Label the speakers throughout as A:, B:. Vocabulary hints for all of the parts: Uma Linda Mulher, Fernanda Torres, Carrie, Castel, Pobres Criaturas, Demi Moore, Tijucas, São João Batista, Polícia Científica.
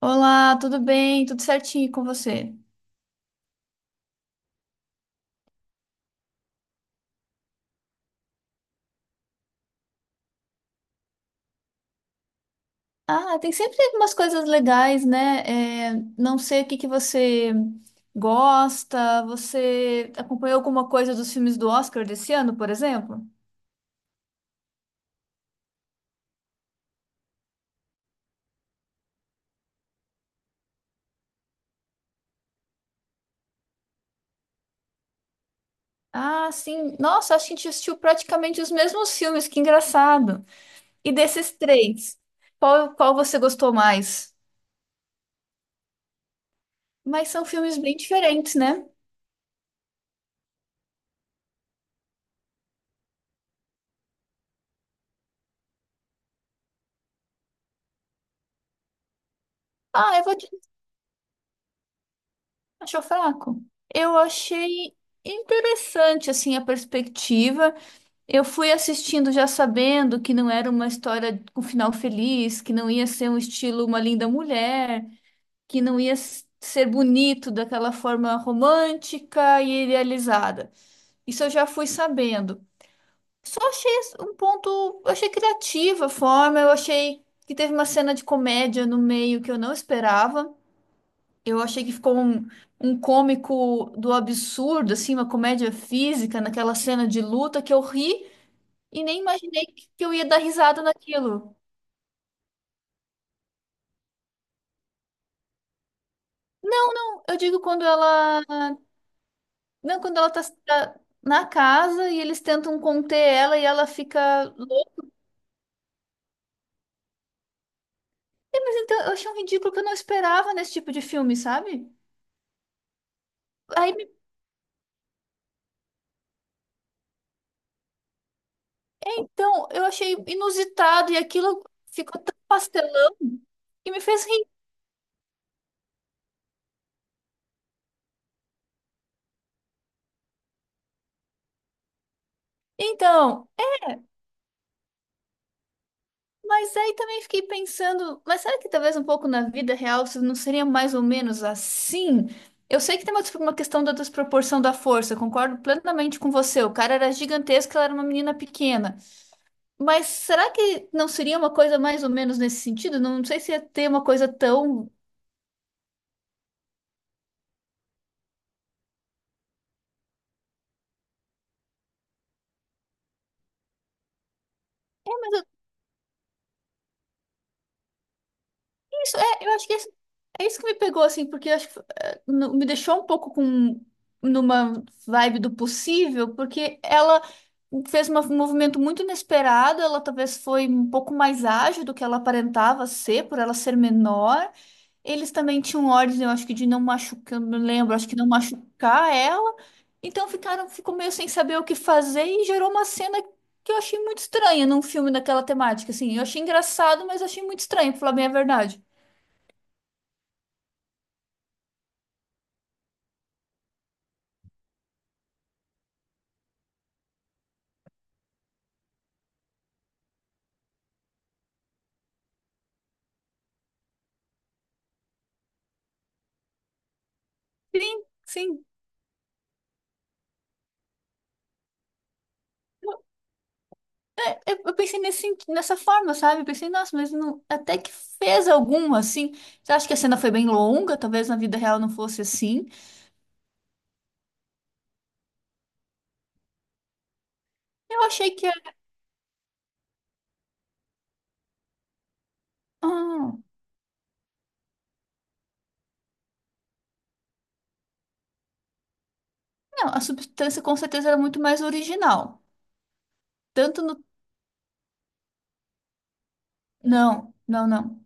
A: Olá, tudo bem? Tudo certinho com você? Ah, tem sempre umas coisas legais, né? É, não sei o que você gosta. Você acompanhou alguma coisa dos filmes do Oscar desse ano, por exemplo? Ah, sim. Nossa, acho que a gente assistiu praticamente os mesmos filmes, que engraçado. E desses três, qual você gostou mais? Mas são filmes bem diferentes, né? Ah, eu vou te... Achou fraco? Eu achei interessante, assim, a perspectiva. Eu fui assistindo já sabendo que não era uma história com final feliz, que não ia ser um estilo Uma Linda Mulher, que não ia ser bonito daquela forma romântica e idealizada. Isso eu já fui sabendo. Só achei um ponto, eu achei criativa a forma, eu achei que teve uma cena de comédia no meio que eu não esperava. Eu achei que ficou um cômico do absurdo, assim, uma comédia física naquela cena de luta que eu ri. E nem imaginei que eu ia dar risada naquilo. Não, não, eu digo quando ela. Não, quando ela tá na casa e eles tentam conter ela e ela fica louca. É, mas então eu achei um ridículo que eu não esperava nesse tipo de filme, sabe? Aí então eu achei inusitado e aquilo ficou tão pastelão que me fez rir. Então. Mas aí também fiquei pensando, mas será que talvez um pouco na vida real isso não seria mais ou menos assim? Eu sei que tem uma questão da desproporção da força, eu concordo plenamente com você. O cara era gigantesco, ela era uma menina pequena. Mas será que não seria uma coisa mais ou menos nesse sentido? Não sei se ia ter uma coisa tão... Isso, é, eu acho que é, isso que me pegou, assim, porque eu acho que me deixou um pouco com... numa vibe do possível, porque ela fez um movimento muito inesperado, ela talvez foi um pouco mais ágil do que ela aparentava ser, por ela ser menor. Eles também tinham ordens, eu acho que de não machucar, eu me lembro, acho que não machucar ela. Ficou meio sem saber o que fazer e gerou uma cena que eu achei muito estranha num filme daquela temática, assim. Eu achei engraçado, mas achei muito estranho, pra falar bem a verdade. Sim, sim. Eu, eu pensei nessa forma, sabe? Eu pensei, nossa, mas não, até que fez algum, assim. Você acha que a cena foi bem longa? Talvez na vida real não fosse assim. Eu achei que... ah, não, a substância com certeza era muito mais original. Tanto no... Não, não, não.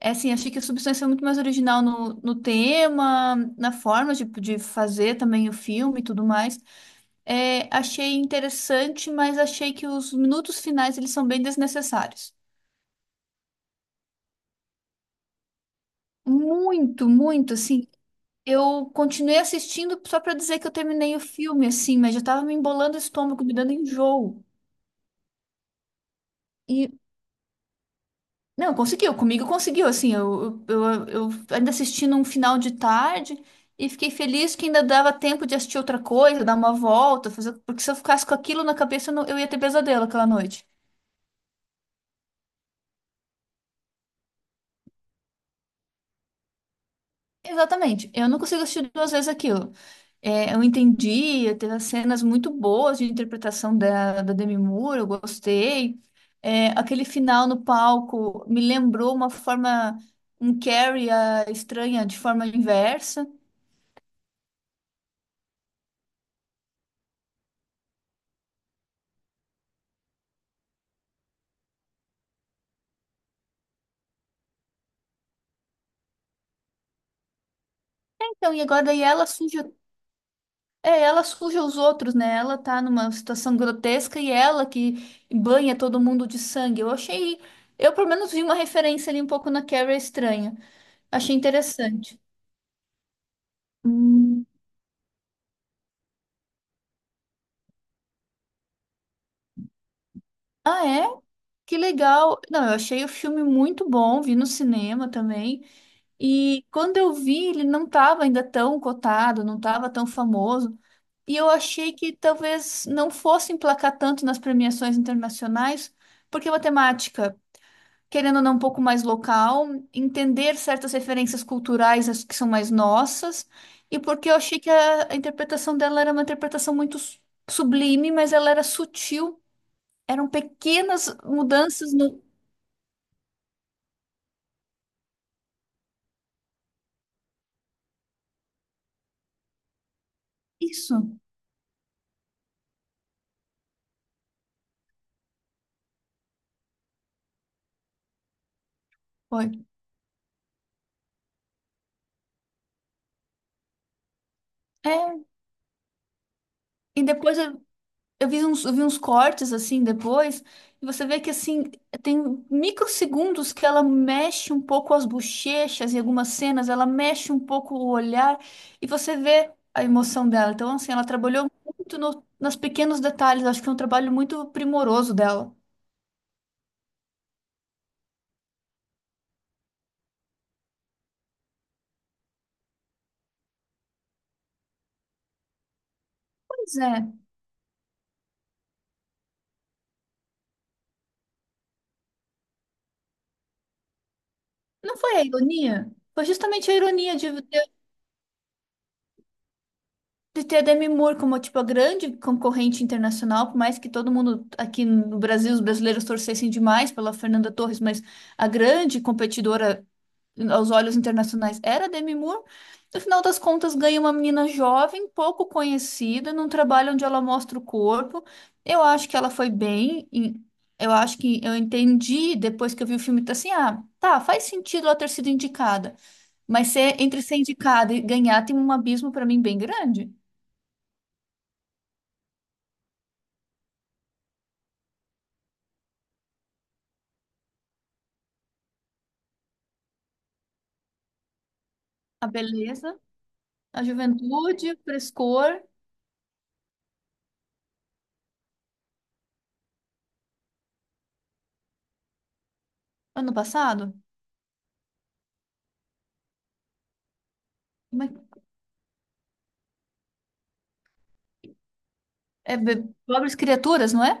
A: É assim, achei que a substância é muito mais original no tema, na forma de fazer também o filme e tudo mais. É, achei interessante, mas achei que os minutos finais, eles são bem desnecessários. Muito, muito, assim. Eu continuei assistindo só pra dizer que eu terminei o filme, assim, mas já tava me embolando o estômago, me dando enjoo. E, não, conseguiu, comigo conseguiu, assim. Eu ainda assisti num final de tarde e fiquei feliz que ainda dava tempo de assistir outra coisa, dar uma volta, fazer, porque se eu ficasse com aquilo na cabeça, eu, não- eu ia ter pesadelo aquela noite. Exatamente. Eu não consigo assistir duas vezes aquilo. É, eu entendi, teve cenas muito boas de interpretação da Demi Moore, eu gostei. É, aquele final no palco me lembrou uma forma, um Carrie estranha de forma inversa. Então, e agora daí ela suja, é, ela suja os outros, né? Ela tá numa situação grotesca e ela que banha todo mundo de sangue. Eu achei, eu pelo menos vi uma referência ali um pouco na Carrie estranha. Achei interessante. Hum. Ah, é? Que legal. Não, eu achei o filme muito bom, vi no cinema também. E quando eu vi, ele não estava ainda tão cotado, não estava tão famoso. E eu achei que talvez não fosse emplacar tanto nas premiações internacionais, porque é uma temática, querendo ou não, um pouco mais local, entender certas referências culturais as que são mais nossas, e porque eu achei que a interpretação dela era uma interpretação muito sublime, mas ela era sutil. Eram pequenas mudanças no... Isso, foi. É, e depois eu vi uns cortes assim depois, e você vê que assim, tem microsegundos que ela mexe um pouco as bochechas em algumas cenas, ela mexe um pouco o olhar, e você vê a emoção dela. Então, assim, ela trabalhou muito no, nos pequenos detalhes, acho que é um trabalho muito primoroso dela. Pois é, não foi a ironia? Foi justamente a ironia de ter a Demi Moore como, tipo, a grande concorrente internacional, por mais que todo mundo aqui no Brasil, os brasileiros torcessem demais pela Fernanda Torres, mas a grande competidora aos olhos internacionais era a Demi Moore. No final das contas, ganha uma menina jovem, pouco conhecida, num trabalho onde ela mostra o corpo. Eu acho que ela foi bem. Eu acho que eu entendi depois que eu vi o filme, tá assim, ah, tá, faz sentido ela ter sido indicada. Mas ser, entre ser indicada e ganhar tem um abismo para mim bem grande. A beleza, a juventude, o frescor. Ano passado? Como é que... É Pobres Criaturas, não é?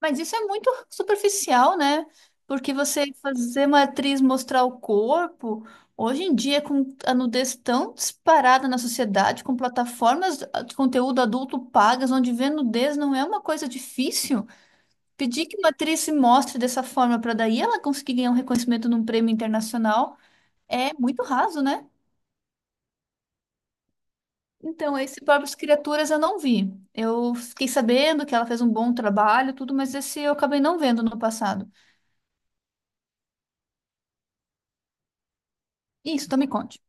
A: Mas isso é muito superficial, né? Porque você fazer uma atriz mostrar o corpo, hoje em dia, com a nudez tão disparada na sociedade, com plataformas de conteúdo adulto pagas, onde ver nudez não é uma coisa difícil, pedir que uma atriz se mostre dessa forma para daí ela conseguir ganhar um reconhecimento num prêmio internacional é muito raso, né? Então, esse Pobres Criaturas eu não vi. Eu fiquei sabendo que ela fez um bom trabalho, tudo, mas esse eu acabei não vendo no passado. Isso, então me conte.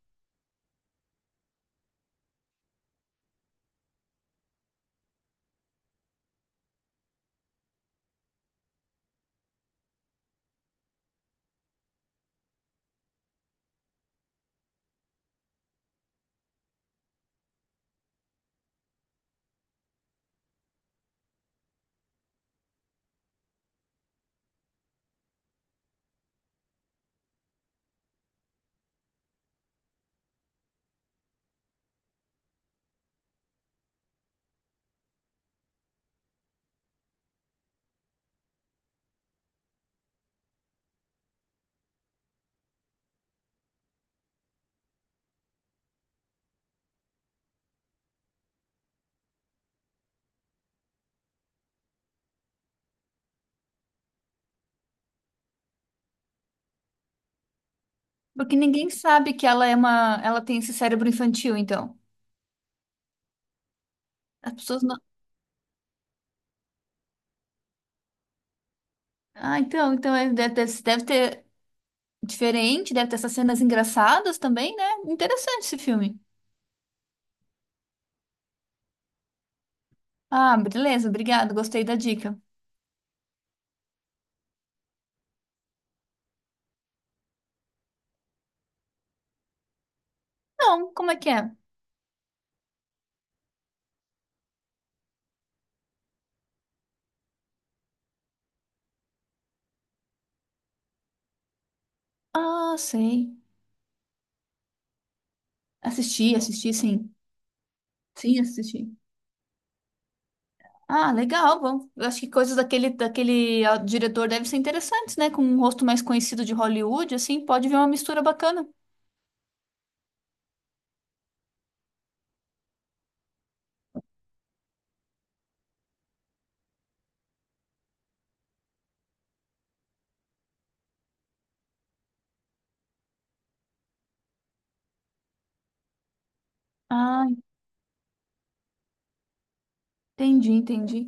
A: Porque ninguém sabe que ela é uma, ela tem esse cérebro infantil, então. As pessoas não... Ah, então, então deve ter diferente, deve ter essas cenas engraçadas também, né? Interessante esse filme. Ah, beleza, obrigado, gostei da dica. Não, como é que é? Ah, sei. Assisti, assisti, sim. Sim, assisti. Ah, legal. Bom, eu acho que coisas daquele diretor devem ser interessantes, né? Com um rosto mais conhecido de Hollywood, assim, pode vir uma mistura bacana. Ah, entendi, entendi.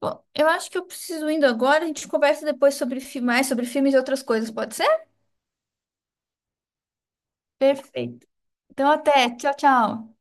A: Bom, eu acho que eu preciso indo agora. A gente conversa depois sobre mais sobre filmes e outras coisas, pode ser? Perfeito. Então, até. Tchau, tchau.